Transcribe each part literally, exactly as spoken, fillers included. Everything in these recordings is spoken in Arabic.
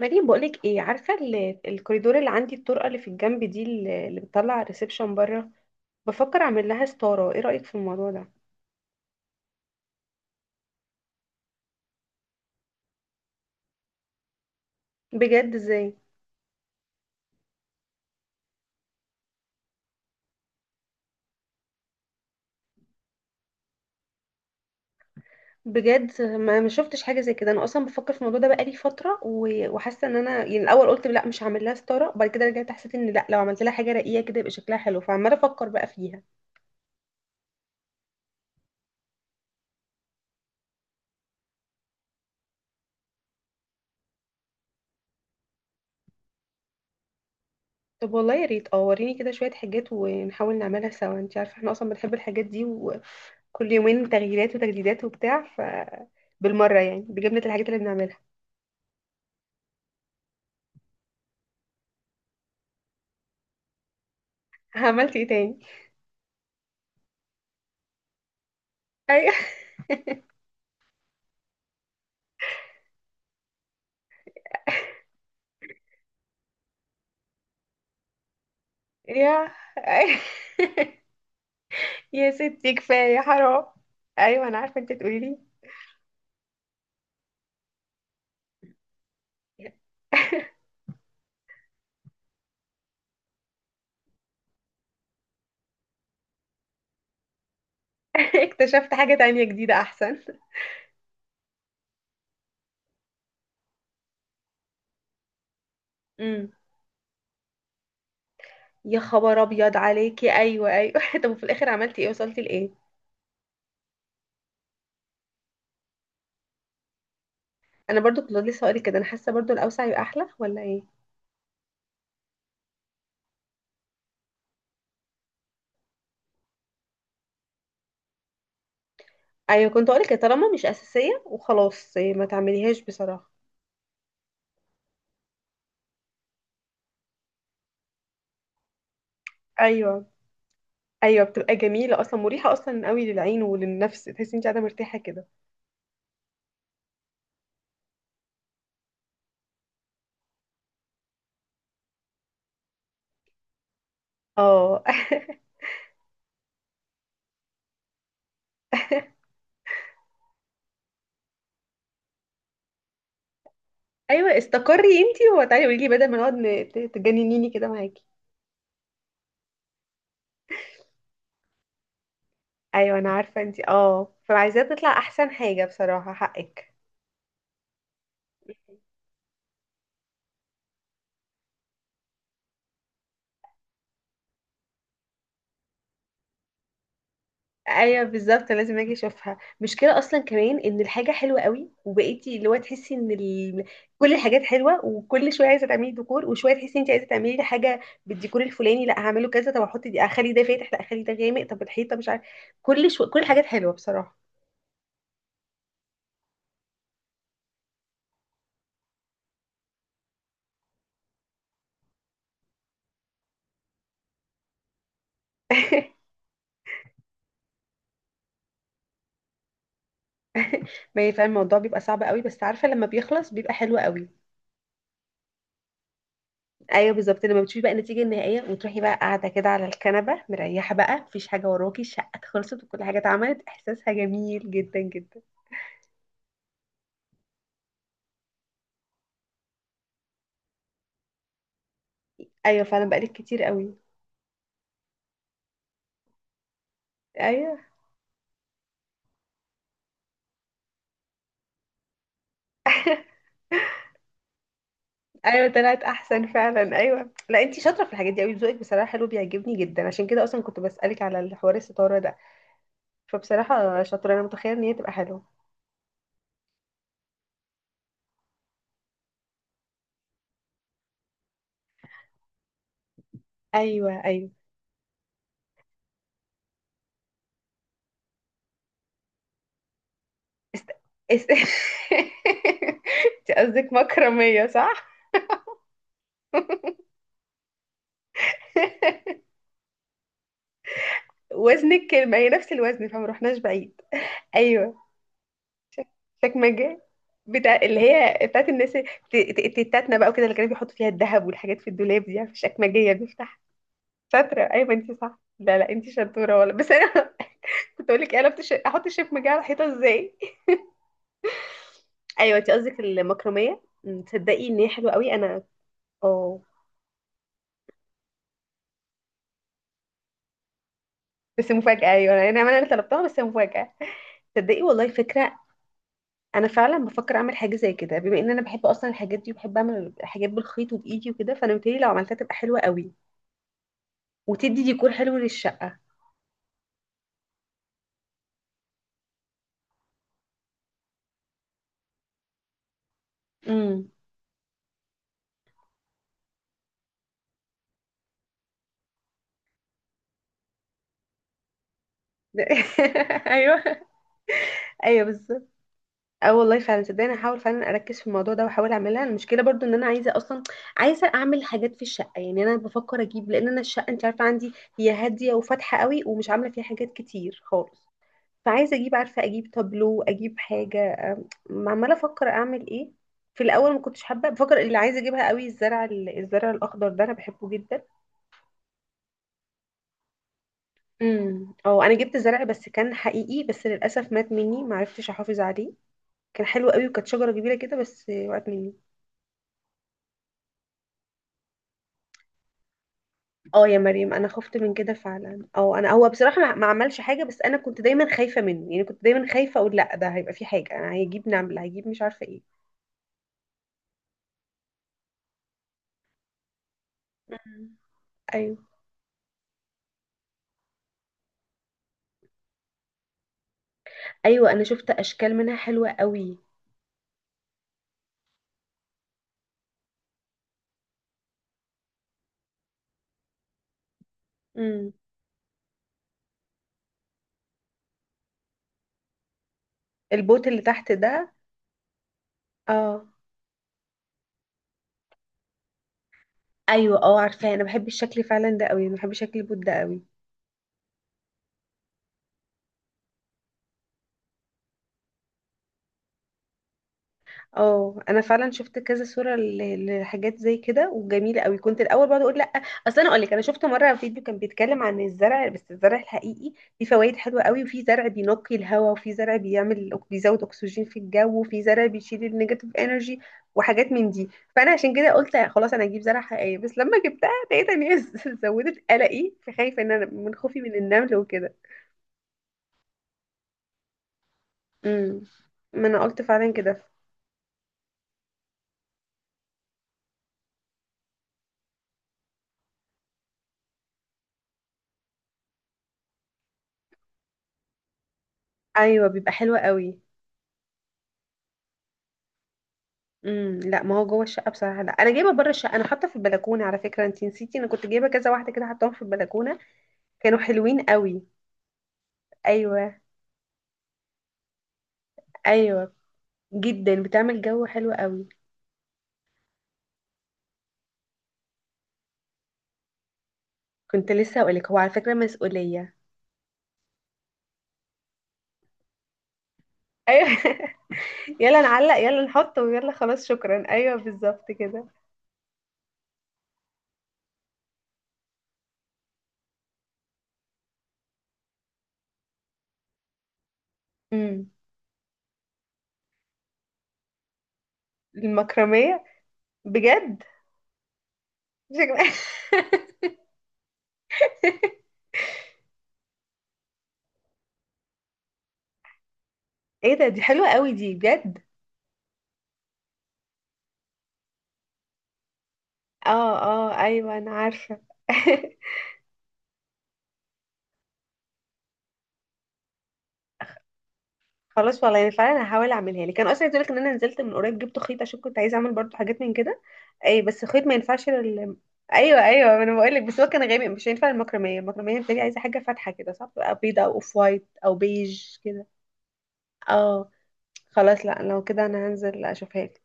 مريم، بقولك ايه؟ عارفة ال- الكوريدور اللي عندي، الطرقة اللي في الجنب دي، اللي اللي بتطلع على الريسبشن بره؟ بفكر اعمل لها ستارة. ايه رأيك في الموضوع ده؟ بجد؟ ازاي؟ بجد ما ما شفتش حاجة زي كده. انا اصلا بفكر في الموضوع ده بقالي فترة، و- وحاسة ان انا يعني الاول قلت لا، مش هعمل لها ستارة، وبعد كده رجعت حسيت ان لا، لو عملت لها حاجة رقيقة كده يبقى شكلها حلو، فعمالة افكر بقى فيها. طب والله يا ريت، اه وريني كده شوية حاجات ونحاول نعملها سوا. انت عارفة احنا اصلا بنحب الحاجات دي، كل يومين تغييرات وتجديدات وبتاع، ف بالمرة يعني بجبنة الحاجات اللي بنعملها. عملت ايه تاني؟ ايوه. يا أيوة. يا ستي كفاية، حرام. ايوه انا عارفة انت تقولي لي. اكتشفت حاجة تانية جديدة احسن. امم يا خبر ابيض عليكي. ايوه ايوه. طب وفي الاخر عملتي ايه؟ وصلتي لايه؟ انا برضو كنت لسه هقولك كده، انا حاسة برضو الاوسع يبقى احلى، ولا ايه؟ ايوه كنت هقولك، يا طالما مش اساسية وخلاص إيه، ما تعمليهاش بصراحة. ايوه ايوه، بتبقى جميله اصلا، مريحه اصلا قوي للعين وللنفس، تحسي انت قاعده مرتاحه كده. اه ايوه، استقري انت وتعالي قولي لي، بدل ما نقعد ن- ت- تجننيني كده معاكي. ايوه انا عارفه انت، اه فعايزاه تطلع احسن حاجه، بصراحه حقك. ايوه بالظبط، لازم اجي اشوفها. مشكله اصلا كمان ان الحاجه حلوه قوي، وبقيتي اللي هو تحسي ان ال... كل الحاجات حلوه، وكل شويه عايزه تعملي ديكور، وشويه تحسي انت عايزه تعملي لي حاجه بالديكور الفلاني، لا هعمله كذا، طب احط دي، اخلي ده فاتح لا اخلي ده غامق، طب الحيطه مش عارفه، كل شو... كل الحاجات حلوه بصراحه. ما هي فعلا الموضوع بيبقى صعب قوي، بس عارفه لما بيخلص بيبقى حلو قوي. ايوه بالظبط، لما بتشوفي بقى النتيجه النهائيه وتروحي بقى قاعده كده على الكنبه مريحه، بقى مفيش حاجه وراكي، الشقه خلصت وكل حاجه اتعملت، احساسها جميل جدا جدا. ايوه فعلا بقالك كتير قوي. ايوه ايوه، طلعت احسن فعلا. ايوه لا، انتي شاطره في الحاجات دي قوي، ذوقك بصراحه حلو بيعجبني جدا، عشان كده اصلا كنت بسالك على الحوار الستاره ده. فبصراحه شاطره، انا متخيله ان هي تبقى حلوه. ايوه ايوه. است... است... انت قصدك مكرميه، صح؟ وزن الكلمه هي نفس الوزن، فما رحناش بعيد. ايوه. شك... شك مجال بتاع اللي هي بتاعت الناس الت- الت- التتاتنا بقى وكده، اللي كانوا بيحطوا فيها الذهب والحاجات في الدولاب دي، عارفة، الشكمجيه دي. شاطرة، أيوة أنتي صح. لا لا، أنتي شطورة والله، بس أنا كنت أقول لك، قلبت الش... أحط الشيف مجاعة على الحيطة إزاي. أيوة أنتي قصدك المكرمية. أمم، تصدقي إن هي حلوة قوي. أنا أه، بس مفاجأة. أيوة أنا أنا أنا طلبتها، بس مفاجأة. تصدقي والله فكرة. أنا فعلا بفكر أعمل حاجة زي كده، بما إن أنا بحب أصلا الحاجات دي، وبحب أعمل حاجات بالخيط وبإيدي وكده، فأنا متهيألي لو عملتها تبقى حلوة قوي، وتدي ديكور حلو للشقة. امم أيوة أيوة بالظبط. اه والله فعلا، صدقني هحاول فعلا اركز في الموضوع ده واحاول اعملها. المشكله برضو ان انا عايزه اصلا، عايزه اعمل حاجات في الشقه، يعني انا بفكر اجيب، لان انا الشقه انت عارفه عندي، هي هاديه وفاتحه قوي، ومش عامله فيها حاجات كتير خالص، فعايزه اجيب، عارفه اجيب تابلو، اجيب حاجه. أم، عماله افكر اعمل ايه. في الاول ما كنتش حابه، بفكر اللي عايزه اجيبها قوي الزرع، ال- الزرع الاخضر ده انا بحبه جدا. امم اه انا جبت زرع، بس كان حقيقي، بس للاسف مات مني، ما عرفتش احافظ عليه. كان حلو قوي، وكانت شجره كبيره كده، بس وقت مني. اه يا مريم، انا خفت من كده فعلا. او انا هو بصراحه ما ما عملش حاجه، بس انا كنت دايما خايفه منه، يعني كنت دايما خايفه اقول لا، ده هيبقى في حاجه، انا هيجيب نمله، هيجيب مش عارفه ايه. مم. ايوه ايوه، انا شفت اشكال منها حلوه قوي. امم البوت اللي تحت ده. اه ايوه، اه عارفاه، انا بحب الشكل فعلا ده قوي، انا بحب شكل البوت ده قوي. اه انا فعلا شفت كذا صوره ل- لحاجات زي كده وجميله قوي، كنت الاول بقعد اقول لا. اصل انا اقول لك، انا شفت مره فيديو كان بيتكلم عن الزرع، بس الزرع الحقيقي فيه فوائد حلوه قوي، وفي زرع بينقي الهواء، وفي زرع بيعمل بيزود اكسجين في الجو، وفي زرع بيشيل النيجاتيف انرجي وحاجات من دي. فانا عشان كده قلت خلاص انا هجيب زرع حقيقي، بس لما جبتها لقيت ان هي زودت قلقي، فخايفه ان انا من خوفي من النمل وكده. امم ما انا قلت فعلا كده. ايوه بيبقى حلو قوي. امم لا ما هو جوه الشقه بصراحه لا، انا جايبه بره الشقه، انا حاطه في البلكونه، على فكره انت نسيتي انا كنت جايبه كذا واحده كده، حطاهم في البلكونه، كانوا حلوين قوي. ايوه ايوه جدا، بتعمل جو حلو قوي. كنت لسه هقولك هو على فكره مسؤوليه. ايوه. يلا نعلق، يلا نحطه، ويلا خلاص شكرا، ايوه بالظبط كده. امم المكرميه. بجد؟ شكرا. ايه ده، دي حلوه قوي دي بجد. اه اه، ايوه انا عارفه. خلاص والله انا فعلا هحاول اعملها لي، كان اصلا عايز اقولك ان انا نزلت من قريب جبت خيط، عشان كنت عايزه اعمل برضو حاجات من كده. اي بس خيط ما ينفعش لل... ايوه ايوه ما انا بقول لك، بس هو كان غامق مش هينفع المكرميه، المكرميه بتبقى عايزه حاجه فاتحه كده، صح؟ تبقى بيضه او اوف وايت او بيج كده. اه. خلاص لا، لو كده انا هنزل اشوفها لك.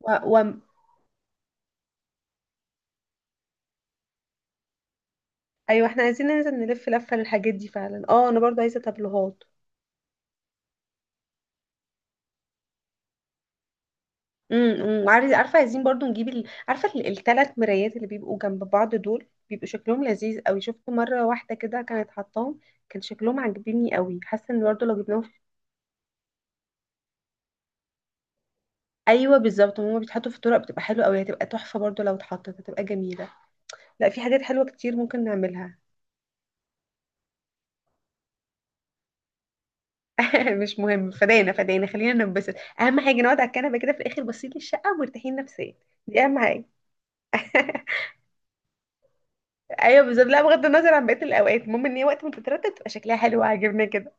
و... و... ايوه احنا عايزين ننزل نلف لفه للحاجات دي فعلا، اه انا برضو عايزه تابلوهات. امم عارف، عارفه عايزين برضو نجيب ال... عارفه الثلاث مرايات اللي بيبقوا جنب بعض دول، بيبقوا شكلهم لذيذ قوي، شفت مره واحده كده كانت حطاهم، كان شكلهم عاجبني قوي، حاسه ان برضو لو جبناهم في... ايوه بالظبط، هما بيتحطوا في الطرق بتبقى حلوه قوي، هتبقى تحفه برضو لو اتحطت هتبقى جميله. لا في حاجات حلوه كتير ممكن نعملها. مش مهم، فدانا فدانا، خلينا ننبسط. اهم حاجه نقعد على الكنبه كده في الاخر باصين للشقه ومرتاحين نفسيا، دي اهم حاجه. ايوه بالظبط، لا بغض النظر عن بقيه الاوقات، المهم ان هي وقت ما تترتب تبقى شكلها حلو وعاجبنا كده.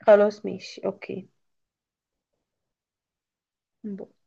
خلاص ماشي، اوكي. باي.